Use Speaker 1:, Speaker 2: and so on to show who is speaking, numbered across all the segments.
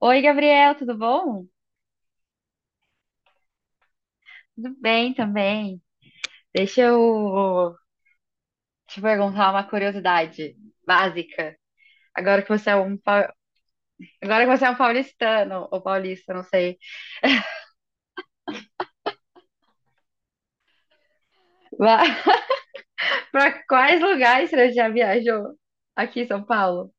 Speaker 1: Oi, Gabriel, tudo bom? Tudo bem também. Deixa eu te perguntar uma curiosidade básica. Agora que você é um, pau- agora que você é um paulistano, ou paulista, não sei. Para quais lugares você já viajou aqui em São Paulo?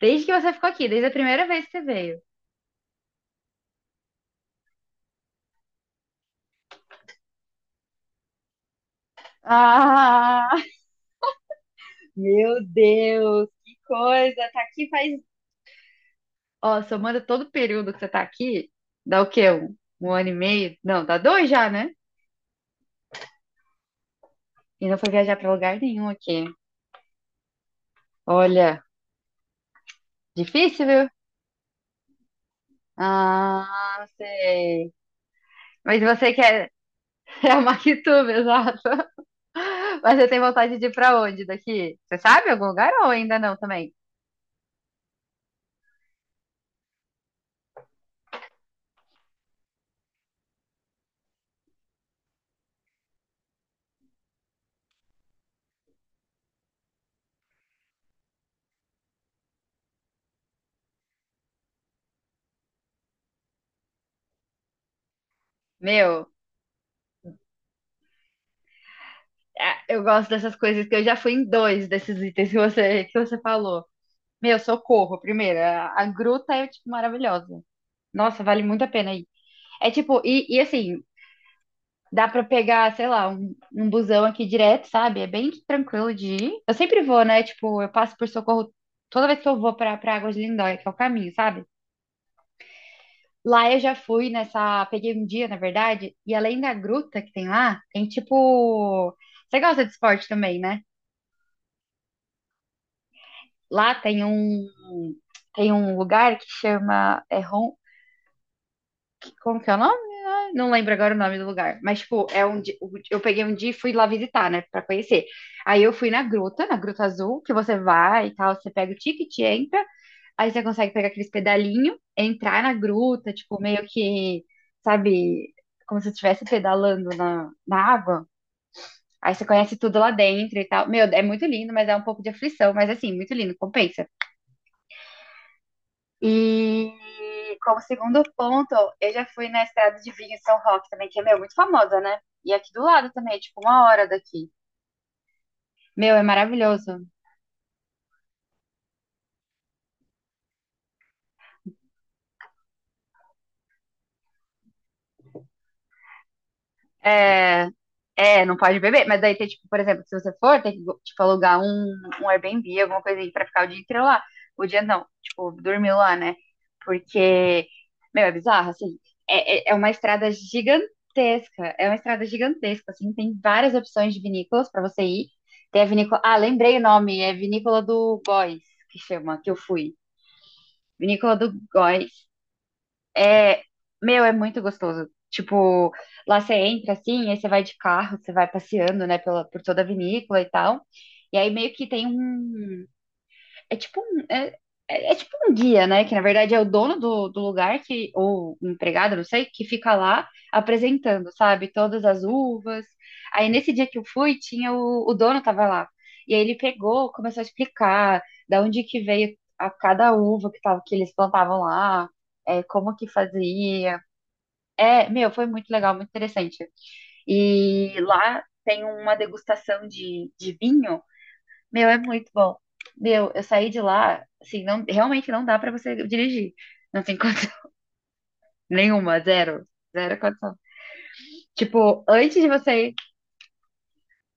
Speaker 1: Desde que você ficou aqui, desde a primeira vez que você veio. Ah, meu Deus, que coisa! Tá aqui faz. Ó, somando todo o período que você tá aqui, dá o quê? Um ano e meio? Não, dá dois já, né? E não foi viajar pra lugar nenhum aqui. Olha, difícil, viu? Ah, não sei. Mas você quer é a Maquituba, exato. Mas você tem vontade de ir pra onde daqui? Você sabe algum lugar ou ainda não também? Meu, ah, eu gosto dessas coisas que eu já fui em dois desses itens que você, falou. Meu, Socorro, primeiro. A gruta é, tipo, maravilhosa. Nossa, vale muito a pena ir. É tipo, e assim, dá pra pegar, sei lá, um busão aqui direto, sabe? É bem tranquilo de ir. Eu sempre vou, né? Tipo, eu passo por Socorro toda vez que eu vou pra Águas de Lindóia, que é o caminho, sabe? Lá eu já fui nessa. Peguei um dia, na verdade, e além da gruta que tem lá, tem tipo. Você gosta de esporte também, né? Lá tem um. Tem um lugar que chama. Como que é o nome? Não lembro agora o nome do lugar, mas tipo, eu peguei um dia e fui lá visitar, né, pra conhecer. Aí eu fui na Gruta Azul, que você vai e tal, você pega o ticket, entra, aí você consegue pegar aqueles pedalinho, entrar na gruta, tipo, meio que, sabe, como se você estivesse pedalando na água. Aí você conhece tudo lá dentro e tal. Meu, é muito lindo, mas é um pouco de aflição, mas assim, muito lindo, compensa. E como segundo ponto, eu já fui na Estrada de Vinho em São Roque também, que é, meu, muito famosa, né? E aqui do lado também, é tipo, uma hora daqui. Meu, é maravilhoso. É, é, não pode beber. Mas daí tem, tipo, por exemplo, se você for, tem que, tipo, alugar um Airbnb, alguma coisa aí pra ficar o dia inteiro lá. O dia não, tipo, dormir lá, né? Porque, meu, é bizarro, assim. É uma estrada gigantesca. É uma estrada gigantesca, assim. Tem várias opções de vinícolas pra você ir. Tem a vinícola. Ah, lembrei o nome. É Vinícola do Góis, que chama, que eu fui. Vinícola do Góis. É, meu, é muito gostoso. Tipo, lá você entra assim, aí você vai de carro, você vai passeando, né, pela, por toda a vinícola e tal. E aí meio que tem um. É tipo um. É tipo um guia, né? Que na verdade é o dono do lugar que, ou um empregado, não sei, que fica lá apresentando, sabe? Todas as uvas. Aí nesse dia que eu fui, tinha o dono tava lá. E aí ele pegou, começou a explicar da onde que veio a cada uva que tava, que eles plantavam lá, é, como que fazia. É, meu, foi muito legal, muito interessante. E lá tem uma degustação de vinho. Meu, é muito bom. Meu, eu saí de lá, assim, não, realmente não dá pra você dirigir. Não tem condição nenhuma, zero. Zero condição. Tipo, antes de você ir,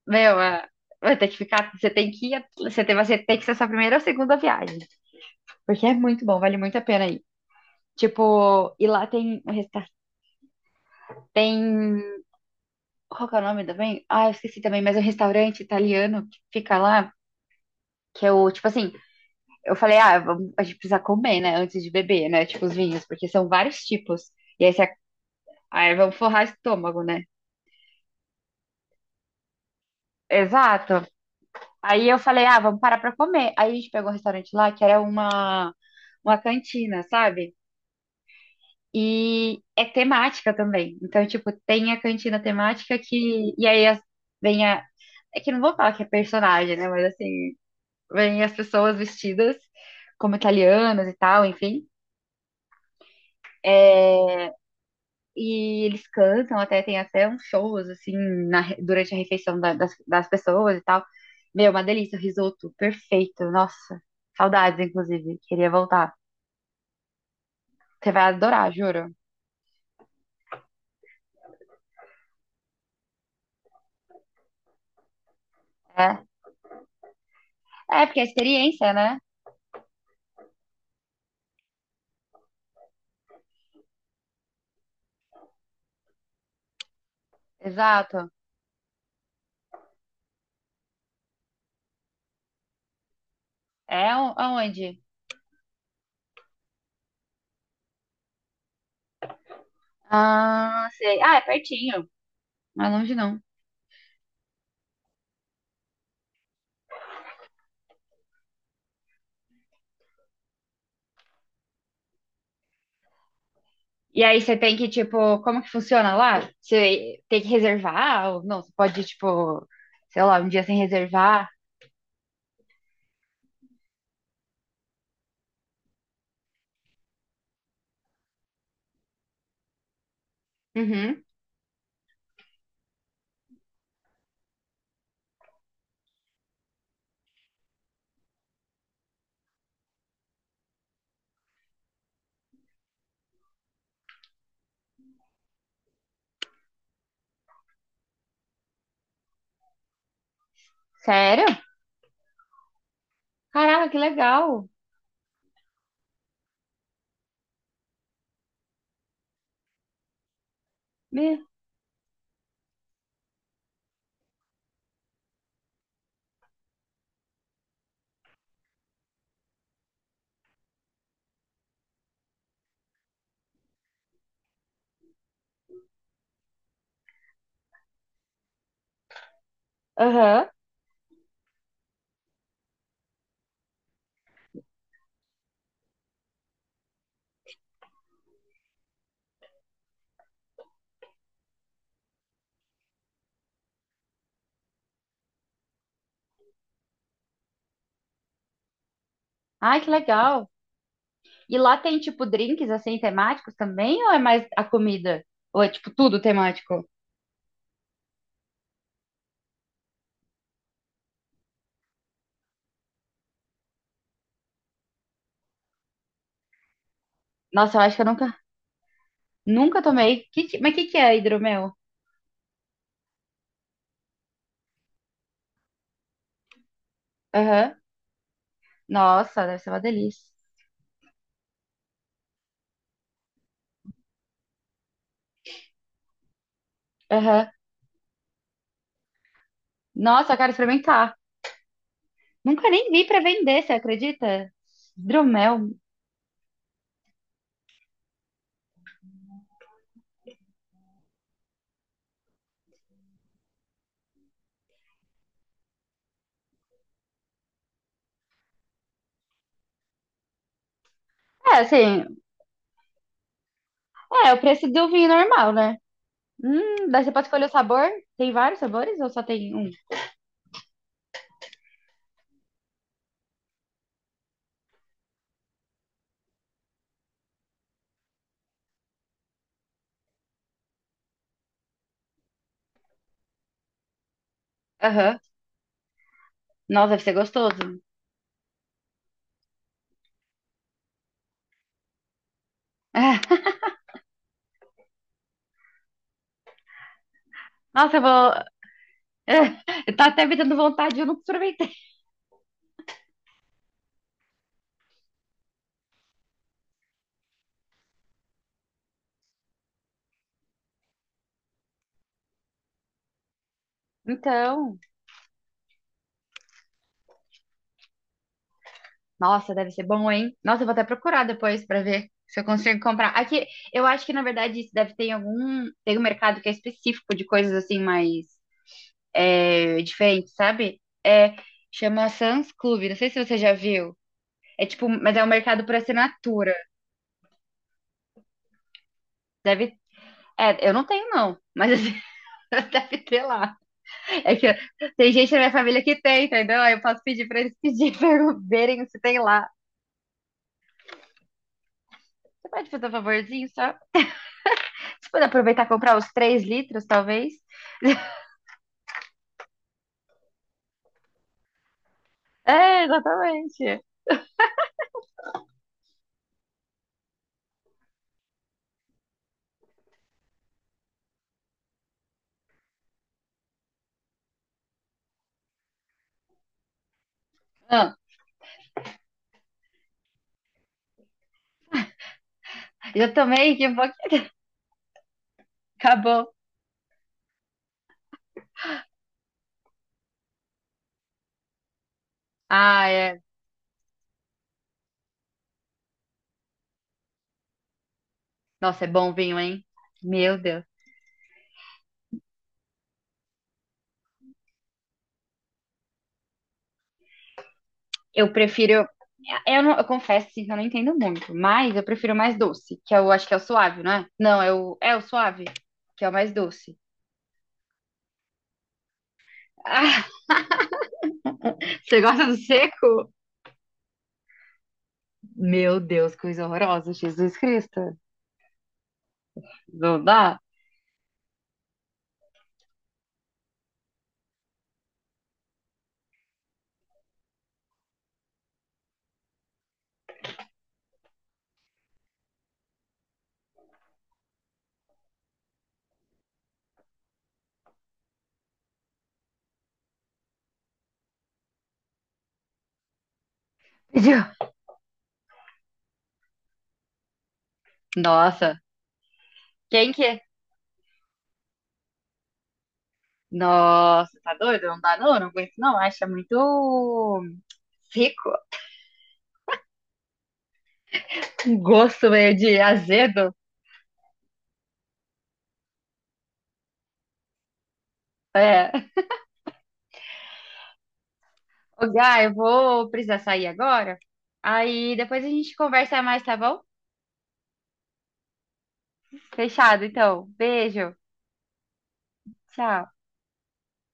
Speaker 1: meu, é, vai ter que ficar, você tem que ir, você tem que ser a sua primeira ou segunda viagem. Porque é muito bom, vale muito a pena ir. Tipo, e lá tem um tem qual que é o nome também? Ah, eu esqueci também, mas é um restaurante italiano que fica lá que eu, tipo assim, eu falei, ah, a gente precisa comer, né, antes de beber, né, tipo os vinhos, porque são vários tipos. E aí, você, aí vamos forrar estômago, né? Exato. Aí eu falei, ah, vamos parar pra comer. Aí a gente pegou um restaurante lá que era uma cantina, sabe? E é temática também. Então, tipo, tem a cantina temática que. E aí vem a. É que não vou falar que é personagem, né? Mas assim, vem as pessoas vestidas como italianas e tal, enfim. É, e eles cantam, até tem até uns shows, assim, durante a refeição das pessoas e tal. Meu, uma delícia, o risoto, perfeito, nossa, saudades, inclusive, queria voltar. Você vai adorar, juro. É, é porque é experiência, né? Exato. Aonde? Ah, sei. Ah, é pertinho, não é longe não. E aí você tem que, tipo, como que funciona lá? Você tem que reservar? Ou não, você pode, tipo, sei lá, um dia sem reservar? Uhum. Sério? Caraca, que legal. Me- Aham. Ai, que legal. E lá tem, tipo, drinks, assim, temáticos também? Ou é mais a comida? Ou é, tipo, tudo temático? Nossa, eu acho que eu nunca tomei. Mas o que que é hidromel? Aham. Nossa, deve ser uma delícia. Aham. Nossa, eu quero experimentar. Nunca nem vi pra vender, você acredita? Hidromel. É, assim, é o preço do vinho normal, né? Daí você pode escolher o sabor. Tem vários sabores ou só tem um? Aham. Nossa, deve ser gostoso. Nossa, eu vou. Tá até me dando vontade, eu não aproveitei. Então, nossa, deve ser bom, hein? Nossa, eu vou até procurar depois pra ver se eu consigo comprar. Aqui, eu acho que na verdade isso deve ter em algum. Tem um mercado que é específico de coisas assim mais é, diferentes, sabe? É, chama Sam's Club, não sei se você já viu. É tipo, mas é um mercado por assinatura. Deve. É, eu não tenho, não, mas assim, deve ter lá. É que tem gente na minha família que tem, entendeu? Aí eu posso pedir pra eles pedir, pra eles verem se tem lá. Você pode fazer um favorzinho só? Você pode aproveitar e comprar os 3 litros, talvez? É, exatamente. Ah, eu tomei que um pouquinho. Acabou. Ah, é. Nossa, é bom vinho, hein? Meu Deus. Eu prefiro. Eu, não, eu confesso assim, que eu não entendo muito, mas eu prefiro mais doce, que eu acho que é o suave, não é? Não, é o suave, que é o mais doce. Ah, você gosta do seco? Meu Deus, coisa horrorosa, Jesus Cristo. Não dá? Nossa, quem que é? Nossa, tá doido? Não dá não, não aguento não. Acha muito rico. Um gosto meio de azedo. É. Ô, Gá, eu vou precisar sair agora. Aí depois a gente conversa mais, tá bom? Fechado, então. Beijo. Tchau.